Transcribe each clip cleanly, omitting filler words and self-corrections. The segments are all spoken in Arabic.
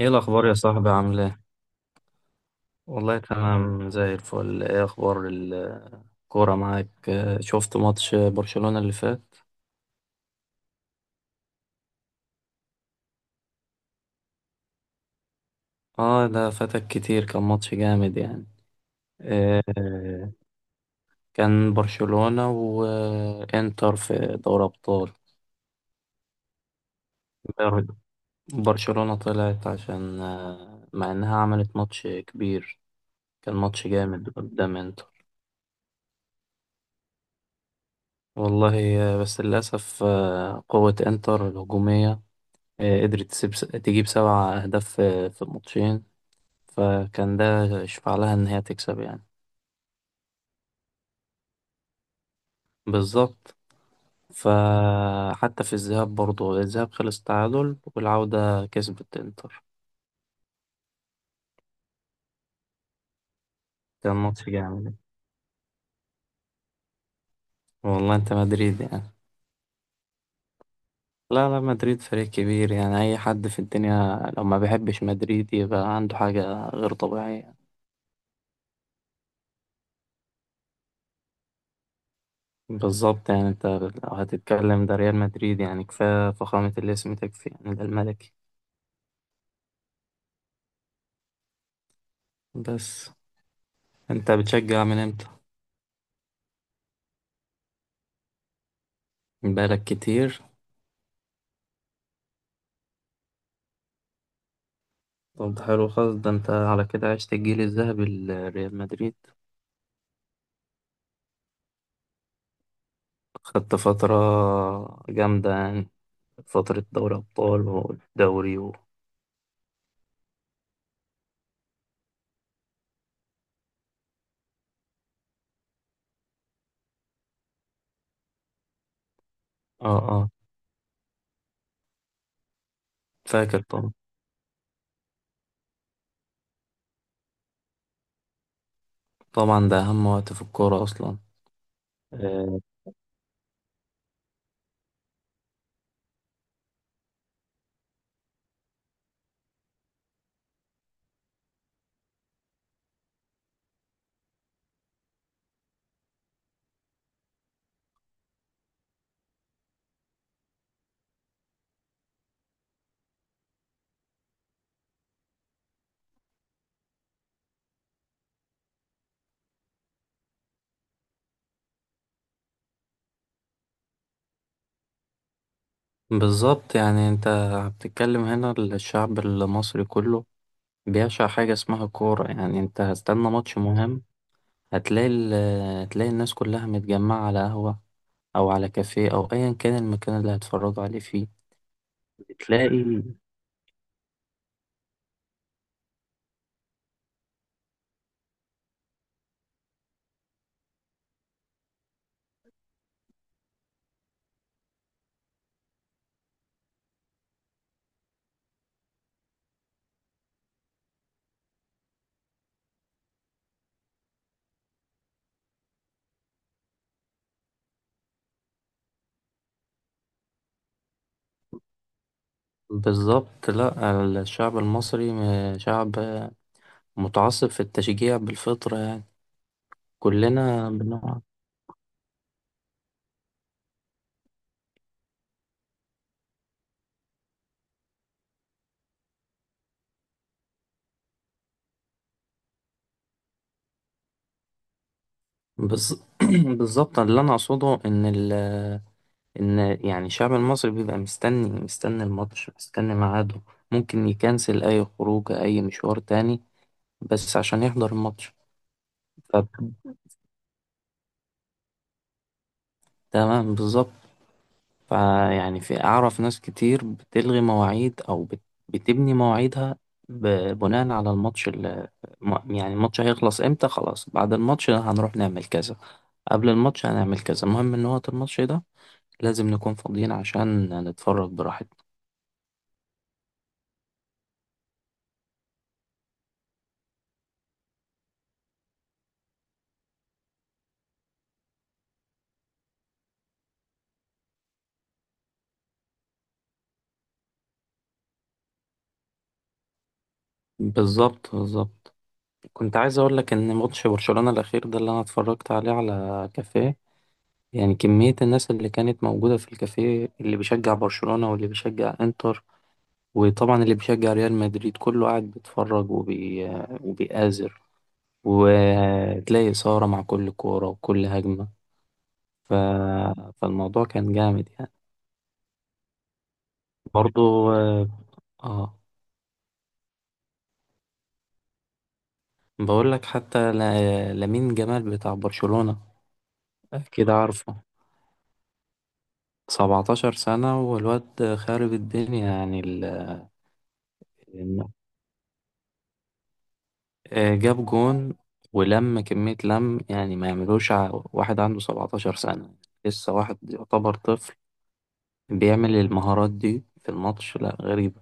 ايه الاخبار يا صاحبي عامل ايه؟ والله تمام زي الفل. ايه اخبار الكوره معاك؟ شفت ماتش برشلونة اللي فات. اه ده فاتك كتير، كان ماتش جامد يعني. آه، كان برشلونة وانتر في دوري ابطال. بر- برشلونة طلعت عشان مع انها عملت ماتش كبير، كان ماتش جامد قدام انتر. والله بس للاسف قوة انتر الهجومية قدرت تسيب تجيب سبع أهداف في الماتشين، فكان ده يشفع لها إن هي تكسب يعني. بالظبط، فحتى في الذهاب برضه الذهاب خلص تعادل والعودة كسبت إنتر. كان ماتش جامد. والله أنت مدريد يعني. لا مدريد فريق كبير يعني، أي حد في الدنيا لو ما بيحبش مدريد يبقى عنده حاجة غير طبيعية. بالظبط يعني أنت لو هتتكلم ده ريال مدريد يعني، كفاية فخامة الاسم تكفي يعني، ده الملكي. بس انت بتشجع من امتى؟ من بقالك كتير. طب ده حلو خالص، ده انت على كده عشت الجيل الذهبي لريال مدريد. خدت فترة جامدة يعني، فترة دوري أبطال والدوري و اه اه فاكر طبعا. طبعا ده أهم وقت في الكورة أصلا. آه، بالظبط يعني انت بتتكلم، هنا الشعب المصري كله بيعشق حاجة اسمها كورة يعني، انت هستنى ماتش مهم هتلاقي ال... هتلاقي الناس كلها متجمعة على قهوة أو على كافيه أو أيا كان المكان اللي هتفرجوا عليه فيه. تلاقي بالظبط، لأ الشعب المصري شعب متعصب في التشجيع بالفطرة يعني، كلنا بنوع. بز- بالظبط اللي أنا أقصده إن ال إن يعني الشعب المصري بيبقى مستني الماتش، مستني ميعاده، ممكن يكنسل أي خروج أي مشوار تاني بس عشان يحضر الماتش. طب تمام بالظبط، فيعني في، أعرف ناس كتير بتلغي مواعيد أو بتبني مواعيدها ب- بناء على الماتش اللي، يعني الماتش هيخلص امتى، خلاص بعد الماتش هنروح نعمل كذا، قبل الماتش هنعمل كذا، المهم ان وقت الماتش ده لازم نكون فاضيين عشان نتفرج براحتنا. بالظبط. كنت عايز اقول لك ان ماتش برشلونة الاخير ده اللي انا اتفرجت عليه على كافيه، يعني كمية الناس اللي كانت موجودة في الكافيه، اللي بيشجع برشلونة واللي بيشجع انتر وطبعا اللي بيشجع ريال مدريد كله قاعد بيتفرج وبيآزر وتلاقي إثارة مع كل كورة وكل هجمة، ف... فالموضوع كان جامد يعني. برضو اه آه، بقول لك حتى لامين جمال بتاع برشلونة أكيد عارفه، 17 سنة والواد خارب الدنيا يعني ال- جاب جون ولم كمية لم، يعني ما يعملوش واحد عنده 17 سنة، لسه واحد يعتبر طفل بيعمل المهارات دي في الماتش، لا غريبة.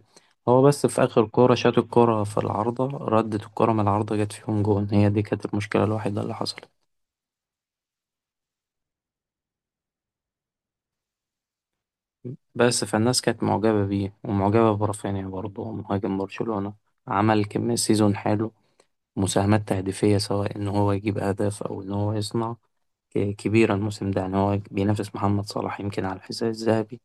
هو بس في آخر كورة شاط الكورة في العارضة، ردت الكورة من العارضة جت فيهم جون، هي دي كانت المشكلة الوحيدة اللي حصلت بس. فالناس كانت معجبة بيه ومعجبة برافينيا برضه مهاجم برشلونة، عمل كمية سيزون حلو، مساهمات تهديفية سواء إن هو يجيب أهداف أو إن هو يصنع، كبيرة الموسم ده يعني، هو بينافس محمد صلاح يمكن على الحذاء الذهبي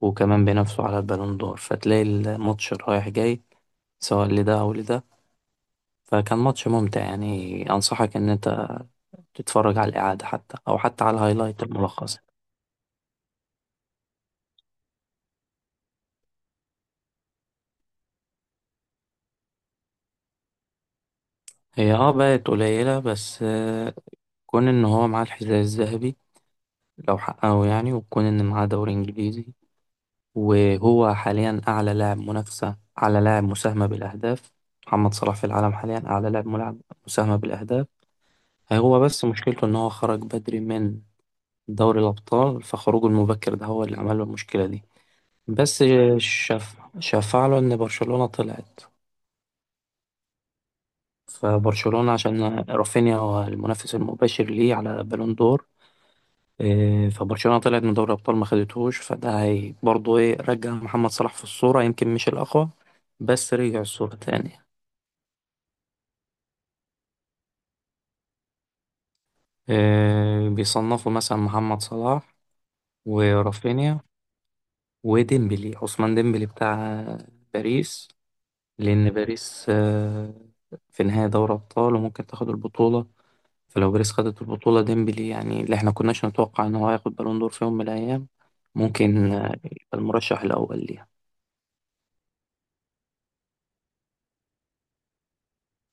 وكمان بينافسه على البالون دور، فتلاقي الماتش رايح جاي سواء لده أو لده. فكان ماتش ممتع يعني، أنصحك إن أنت تتفرج على الإعادة حتى، أو حتى على الهايلايت الملخص. هي اه بقت قليلة بس كون إن هو معاه الحذاء الذهبي لو حققه يعني، وكون إن معاه دوري إنجليزي، وهو حاليا أعلى لاعب منافسة، أعلى لاعب مساهمة بالأهداف، محمد صلاح في العالم حاليا أعلى لاعب ملعب مساهمة بالأهداف. هو بس مشكلته إن هو خرج بدري من دوري الأبطال، فخروجه المبكر ده هو اللي عمل له المشكلة دي. بس شاف، شفع له إن برشلونة طلعت. فبرشلونة عشان رافينيا هو المنافس المباشر ليه على بالون دور، إيه، فبرشلونة طلعت من دوري الأبطال ما خدتهوش، فده هي برضه إيه رجع محمد صلاح في الصورة، يمكن مش الأقوى بس رجع الصورة تاني. إيه، بيصنفوا مثلا محمد صلاح ورافينيا وديمبلي، عثمان ديمبلي بتاع باريس، لأن باريس في نهاية دوري أبطال وممكن تاخد البطولة. فلو باريس خدت البطولة ديمبلي، يعني اللي احنا كناش نتوقع ان هو هياخد بالون دور في يوم من الايام، ممكن يبقى المرشح الاول ليها.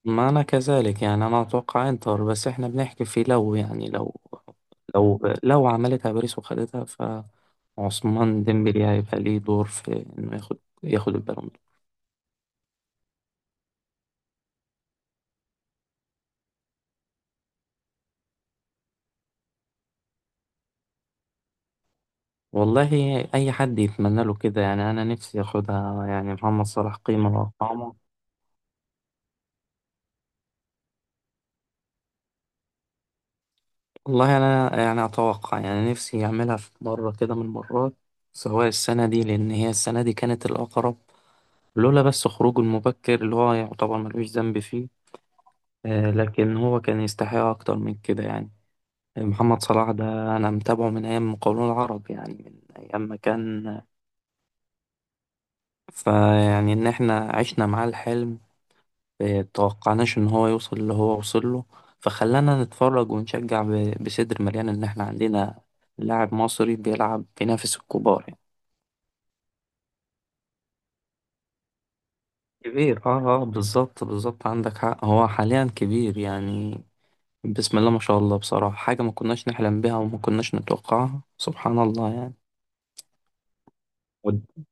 ما انا كذلك يعني، انا اتوقع انتر بس احنا بنحكي في لو، يعني لو، لو عملتها باريس وخدتها فعثمان ديمبلي هيبقى ليه دور في انه ياخد، ياخد البالون دور. والله اي حد يتمنى له كده يعني، انا نفسي ياخدها، يعني محمد صلاح قيمة وقامة. والله أنا يعني أتوقع، يعني نفسي أعملها في مرة كده من المرات، سواء السنة دي، لأن هي السنة دي كانت الأقرب لولا بس خروجه المبكر اللي هو يعتبر ملوش ذنب فيه. لكن هو كان يستحق أكتر من كده يعني. محمد صلاح ده أنا متابعه من أيام مقاولون العرب، يعني من أيام ما كان، فيعني إن إحنا عشنا معاه الحلم، إيه، توقعناش إن هو يوصل اللي هو وصل له، فخلانا نتفرج ونشجع بصدر مليان إن إحنا عندنا لاعب مصري بيلعب بينافس الكبار يعني. كبير اه اه بالظبط بالظبط، عندك حق هو حاليا كبير يعني. بسم الله ما شاء الله، بصراحة حاجة ما كناش نحلم بيها وما كناش نتوقعها سبحان الله يعني. ود-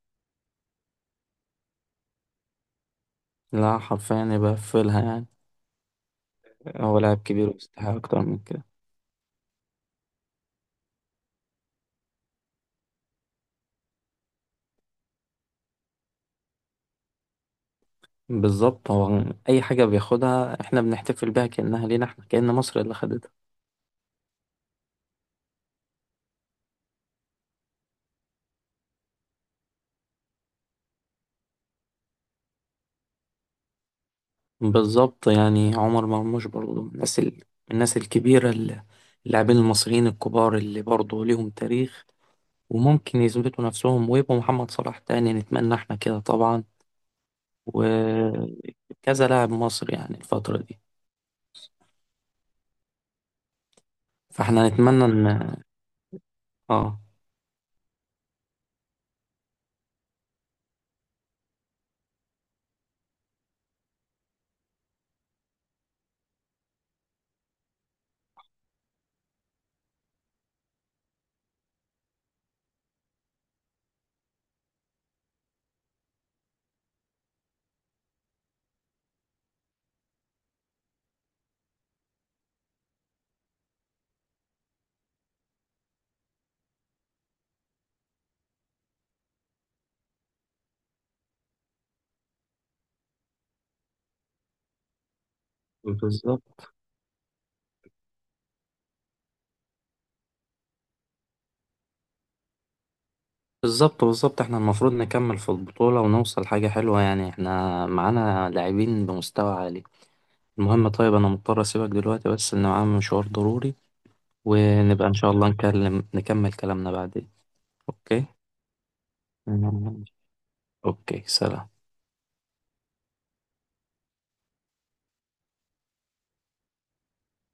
لا حرفيا يبقى فيلها يعني، هو لاعب كبير ويستحق أكتر من كده. بالظبط، هو أي حاجة بياخدها احنا بنحتفل بيها كأنها لينا احنا، كأن مصر اللي خدتها. بالظبط يعني عمر مرموش برضه من من الناس الكبيرة، اللاعبين المصريين الكبار اللي برضه ليهم تاريخ وممكن يثبتوا نفسهم ويبقوا محمد صلاح تاني، نتمنى احنا كده طبعا، وكذا لاعب مصري يعني الفترة دي. فاحنا نتمنى ان اه بالظبط بالظبط، احنا المفروض نكمل في البطولة ونوصل حاجة حلوة يعني، احنا معانا لاعبين بمستوى عالي. المهم طيب انا مضطر اسيبك دلوقتي بس ان معايا مشوار ضروري، ونبقى إن شاء الله نكمل كلامنا بعدين. أوكي، أوكي سلام.